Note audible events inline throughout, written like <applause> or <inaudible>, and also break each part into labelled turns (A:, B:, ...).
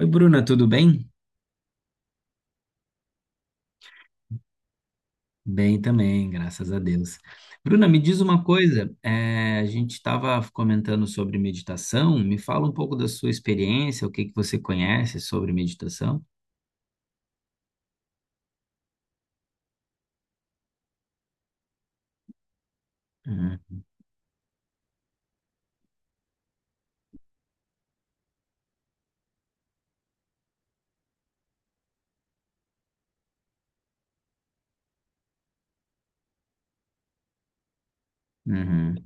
A: Oi, Bruna, tudo bem? Bem também, graças a Deus. Bruna, me diz uma coisa, a gente estava comentando sobre meditação, me fala um pouco da sua experiência, o que que você conhece sobre meditação? Uhum. Uhum.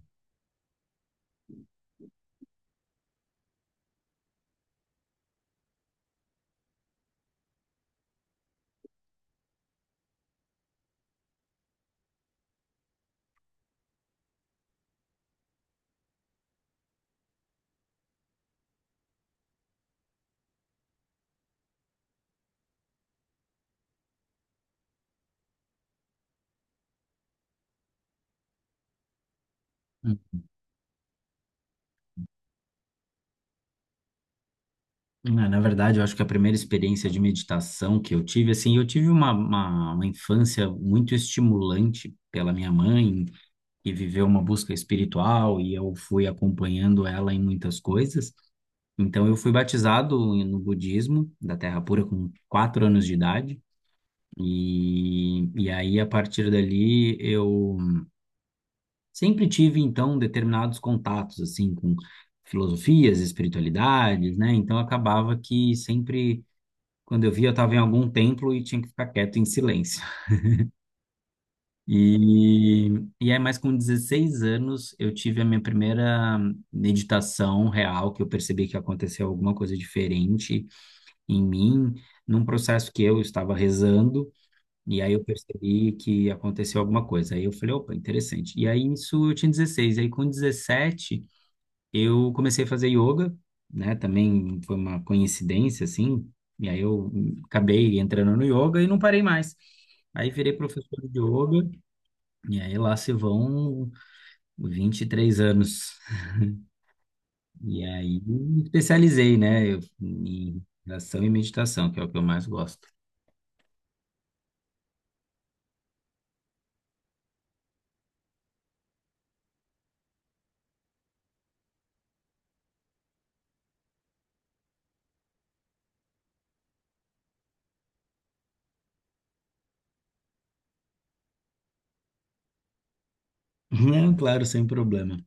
A: Hum. Ah, na verdade, eu acho que a primeira experiência de meditação que eu tive, assim, eu tive uma infância muito estimulante pela minha mãe, que viveu uma busca espiritual e eu fui acompanhando ela em muitas coisas. Então, eu fui batizado no budismo da Terra Pura com 4 anos de idade. E aí, a partir dali, eu sempre tive, então, determinados contatos, assim, com filosofias, espiritualidades, né? Então, acabava que sempre, quando eu via, eu estava em algum templo e tinha que ficar quieto em silêncio. E, e aí, mais com 16 anos, eu tive a minha primeira meditação real, que eu percebi que aconteceu alguma coisa diferente em mim, num processo que eu estava rezando, e aí eu percebi que aconteceu alguma coisa. Aí eu falei, opa, interessante. E aí isso eu tinha 16, aí com 17 eu comecei a fazer yoga, né? Também foi uma coincidência, assim, e aí eu acabei entrando no yoga e não parei mais. Aí virei professor de yoga, e aí lá se vão 23 anos. E aí me especializei, né, em relação e meditação, que é o que eu mais gosto. Não, claro, sem problema.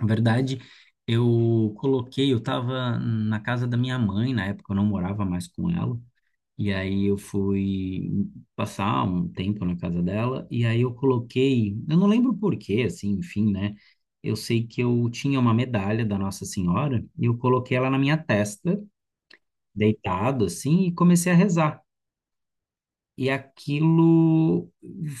A: Na verdade, eu coloquei, eu estava na casa da minha mãe, na época eu não morava mais com ela, e aí eu fui passar um tempo na casa dela, e aí eu coloquei, eu não lembro por quê, assim, enfim, né? Eu sei que eu tinha uma medalha da Nossa Senhora, e eu coloquei ela na minha testa, deitado, assim, e comecei a rezar. E aquilo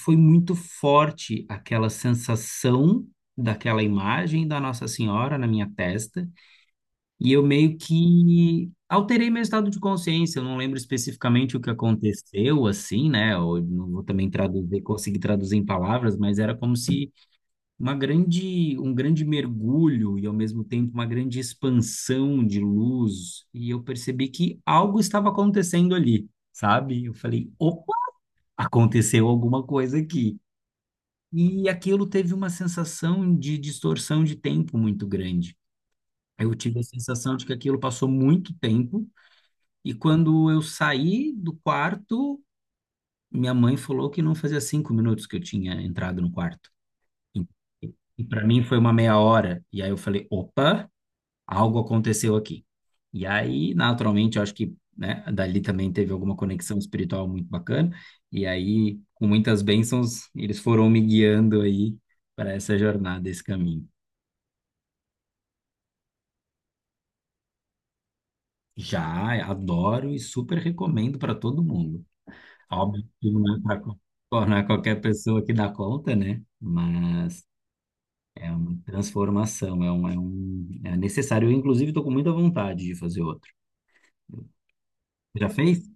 A: foi muito forte, aquela sensação daquela imagem da Nossa Senhora na minha testa. E eu meio que alterei meu estado de consciência. Eu não lembro especificamente o que aconteceu, assim, né? Eu não vou também traduzir, conseguir traduzir em palavras, mas era como se uma grande, um grande mergulho e ao mesmo tempo uma grande expansão de luz. E eu percebi que algo estava acontecendo ali. Sabe? Eu falei, opa, aconteceu alguma coisa aqui. E aquilo teve uma sensação de distorção de tempo muito grande. Eu tive a sensação de que aquilo passou muito tempo, e quando eu saí do quarto, minha mãe falou que não fazia 5 minutos que eu tinha entrado no quarto. E, e para mim foi uma meia hora. E aí eu falei, opa, algo aconteceu aqui. E aí, naturalmente, eu acho que, né, dali também teve alguma conexão espiritual muito bacana. E aí, com muitas bênçãos, eles foram me guiando aí para essa jornada, esse caminho. Já adoro e super recomendo para todo mundo. Óbvio que não é para não é qualquer pessoa que dá conta, né? Mas é uma transformação, é necessário. Eu, inclusive, estou com muita vontade de fazer outro. Já fez?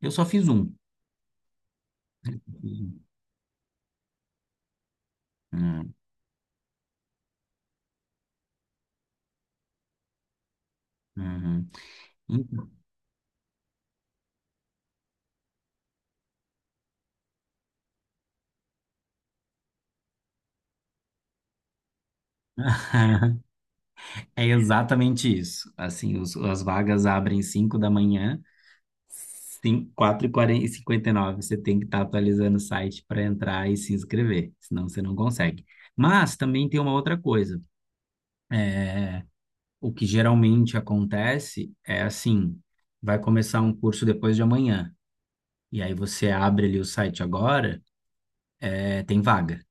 A: Eu só fiz um. Fiz um. Ah, uhum. <laughs> É exatamente isso. Assim, as vagas abrem 5 da manhã, cinco, quatro e quarenta e cinquenta e nove. Você tem que estar atualizando o site para entrar e se inscrever, senão você não consegue. Mas também tem uma outra coisa. O que geralmente acontece é assim, vai começar um curso depois de amanhã, e aí você abre ali o site agora, é, tem vaga.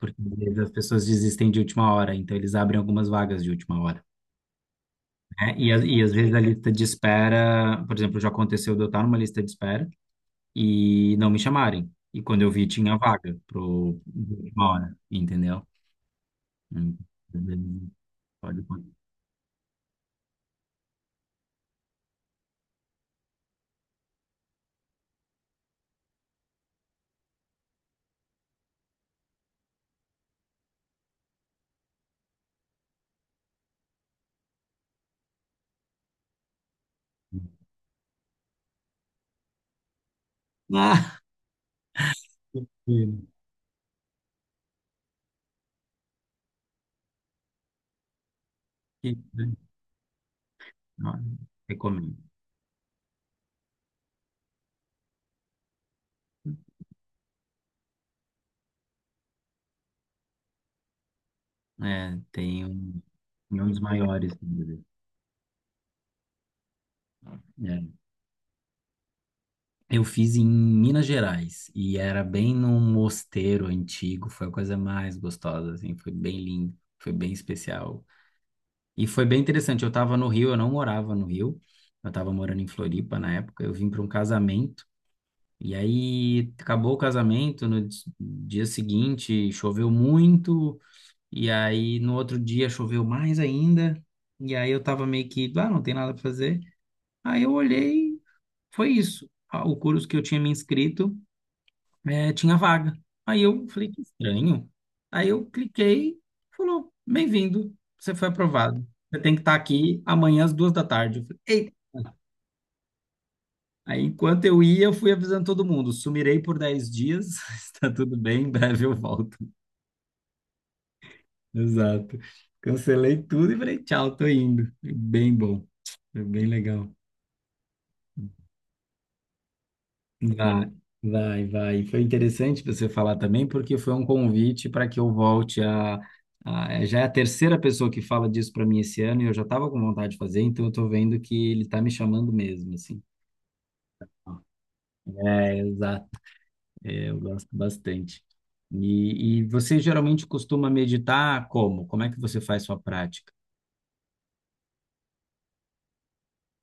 A: Porque às vezes as pessoas desistem de última hora, então eles abrem algumas vagas de última hora. É, e, às vezes a lista de espera, por exemplo, já aconteceu de eu estar numa lista de espera e não me chamarem. E quando eu vi, tinha vaga pro de última hora, entendeu? Hum, às vezes pode acontecer. Ah, que- que- ah, recomendo. É, tem um dos maiores do Brasil. É. Eu fiz em Minas Gerais e era bem num mosteiro antigo. Foi a coisa mais gostosa, assim. Foi bem lindo, foi bem especial. E foi bem interessante. Eu estava no Rio, eu não morava no Rio. Eu estava morando em Floripa na época. Eu vim para um casamento. E aí acabou o casamento. No dia seguinte choveu muito. E aí no outro dia choveu mais ainda. E aí eu estava meio que, ah, não tem nada para fazer. Aí eu olhei, foi isso. Ah, o curso que eu tinha me inscrito, é, tinha vaga. Aí eu falei, que estranho. Aí eu cliquei, falou, bem-vindo, você foi aprovado. Você tem que estar aqui amanhã às 14h. Eu falei, eita. Aí, enquanto eu ia, eu fui avisando todo mundo, sumirei por 10 dias, <laughs> está tudo bem, em breve eu volto. Exato. Cancelei tudo e falei, tchau, tô indo. Foi bem bom, foi bem legal. Vai, vai, vai. Foi interessante você falar também, porque foi um convite para que eu volte Já é a terceira pessoa que fala disso para mim esse ano e eu já estava com vontade de fazer, então eu estou vendo que ele está me chamando mesmo, assim. É, exato. É, eu gosto bastante. E você geralmente costuma meditar como? Como é que você faz sua prática?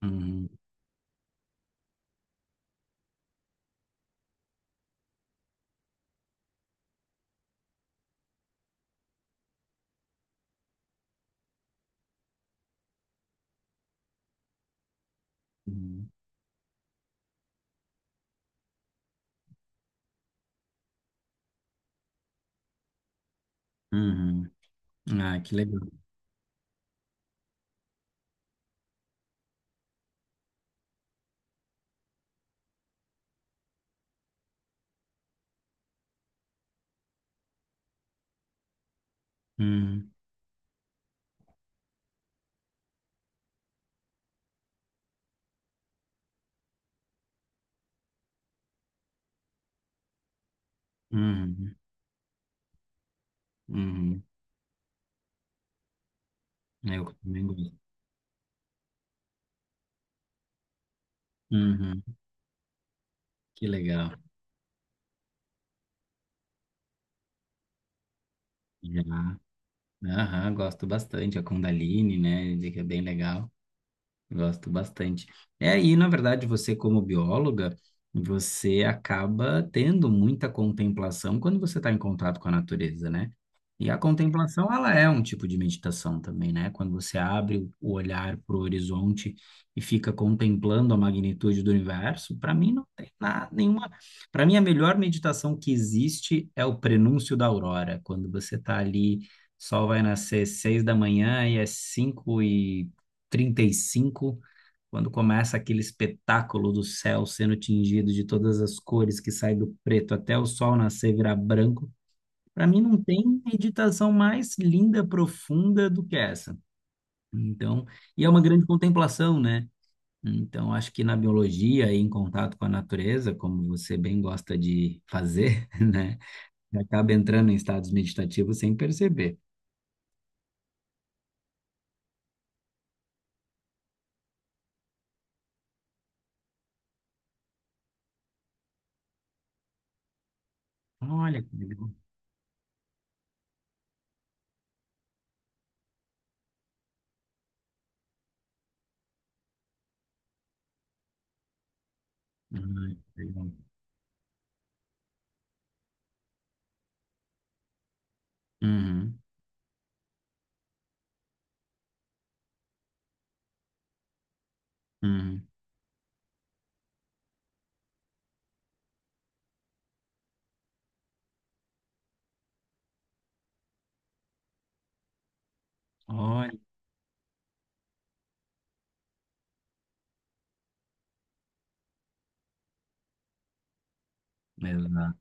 A: Uhum, uhum, uhum. Ah, que legal. Uhum, uhum, uhum. Eu também gosto. Uhum, que legal. Já. Aham, gosto bastante. A Kundalini, né? De que é bem legal. Gosto bastante. É, e na verdade, você como bióloga, você acaba tendo muita contemplação quando você está em contato com a natureza, né? E a contemplação, ela é um tipo de meditação também, né? Quando você abre o olhar para o horizonte e fica contemplando a magnitude do universo, para mim não tem nada, nenhuma. Para mim, a melhor meditação que existe é o prenúncio da aurora, quando você está ali, sol vai nascer 6 da manhã e é 5h35 quando começa aquele espetáculo do céu sendo tingido de todas as cores que sai do preto até o sol nascer e virar branco. Para mim não tem meditação mais linda, profunda do que essa. Então, e é uma grande contemplação, né? Então, acho que na biologia e em contato com a natureza, como você bem gosta de fazer, <laughs> né? Acaba entrando em estados meditativos sem perceber. Olha, que legal. Uhum, legal. Uhum, uhum. Olha,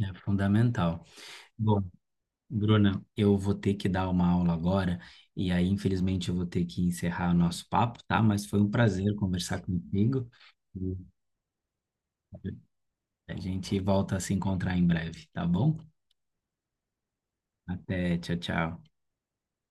A: é fundamental. Bom, Bruna, eu vou ter que dar uma aula agora e aí, infelizmente, eu vou ter que encerrar o nosso papo, tá? Mas foi um prazer conversar contigo e a gente volta a se encontrar em breve, tá bom? Até, tchau, tchau.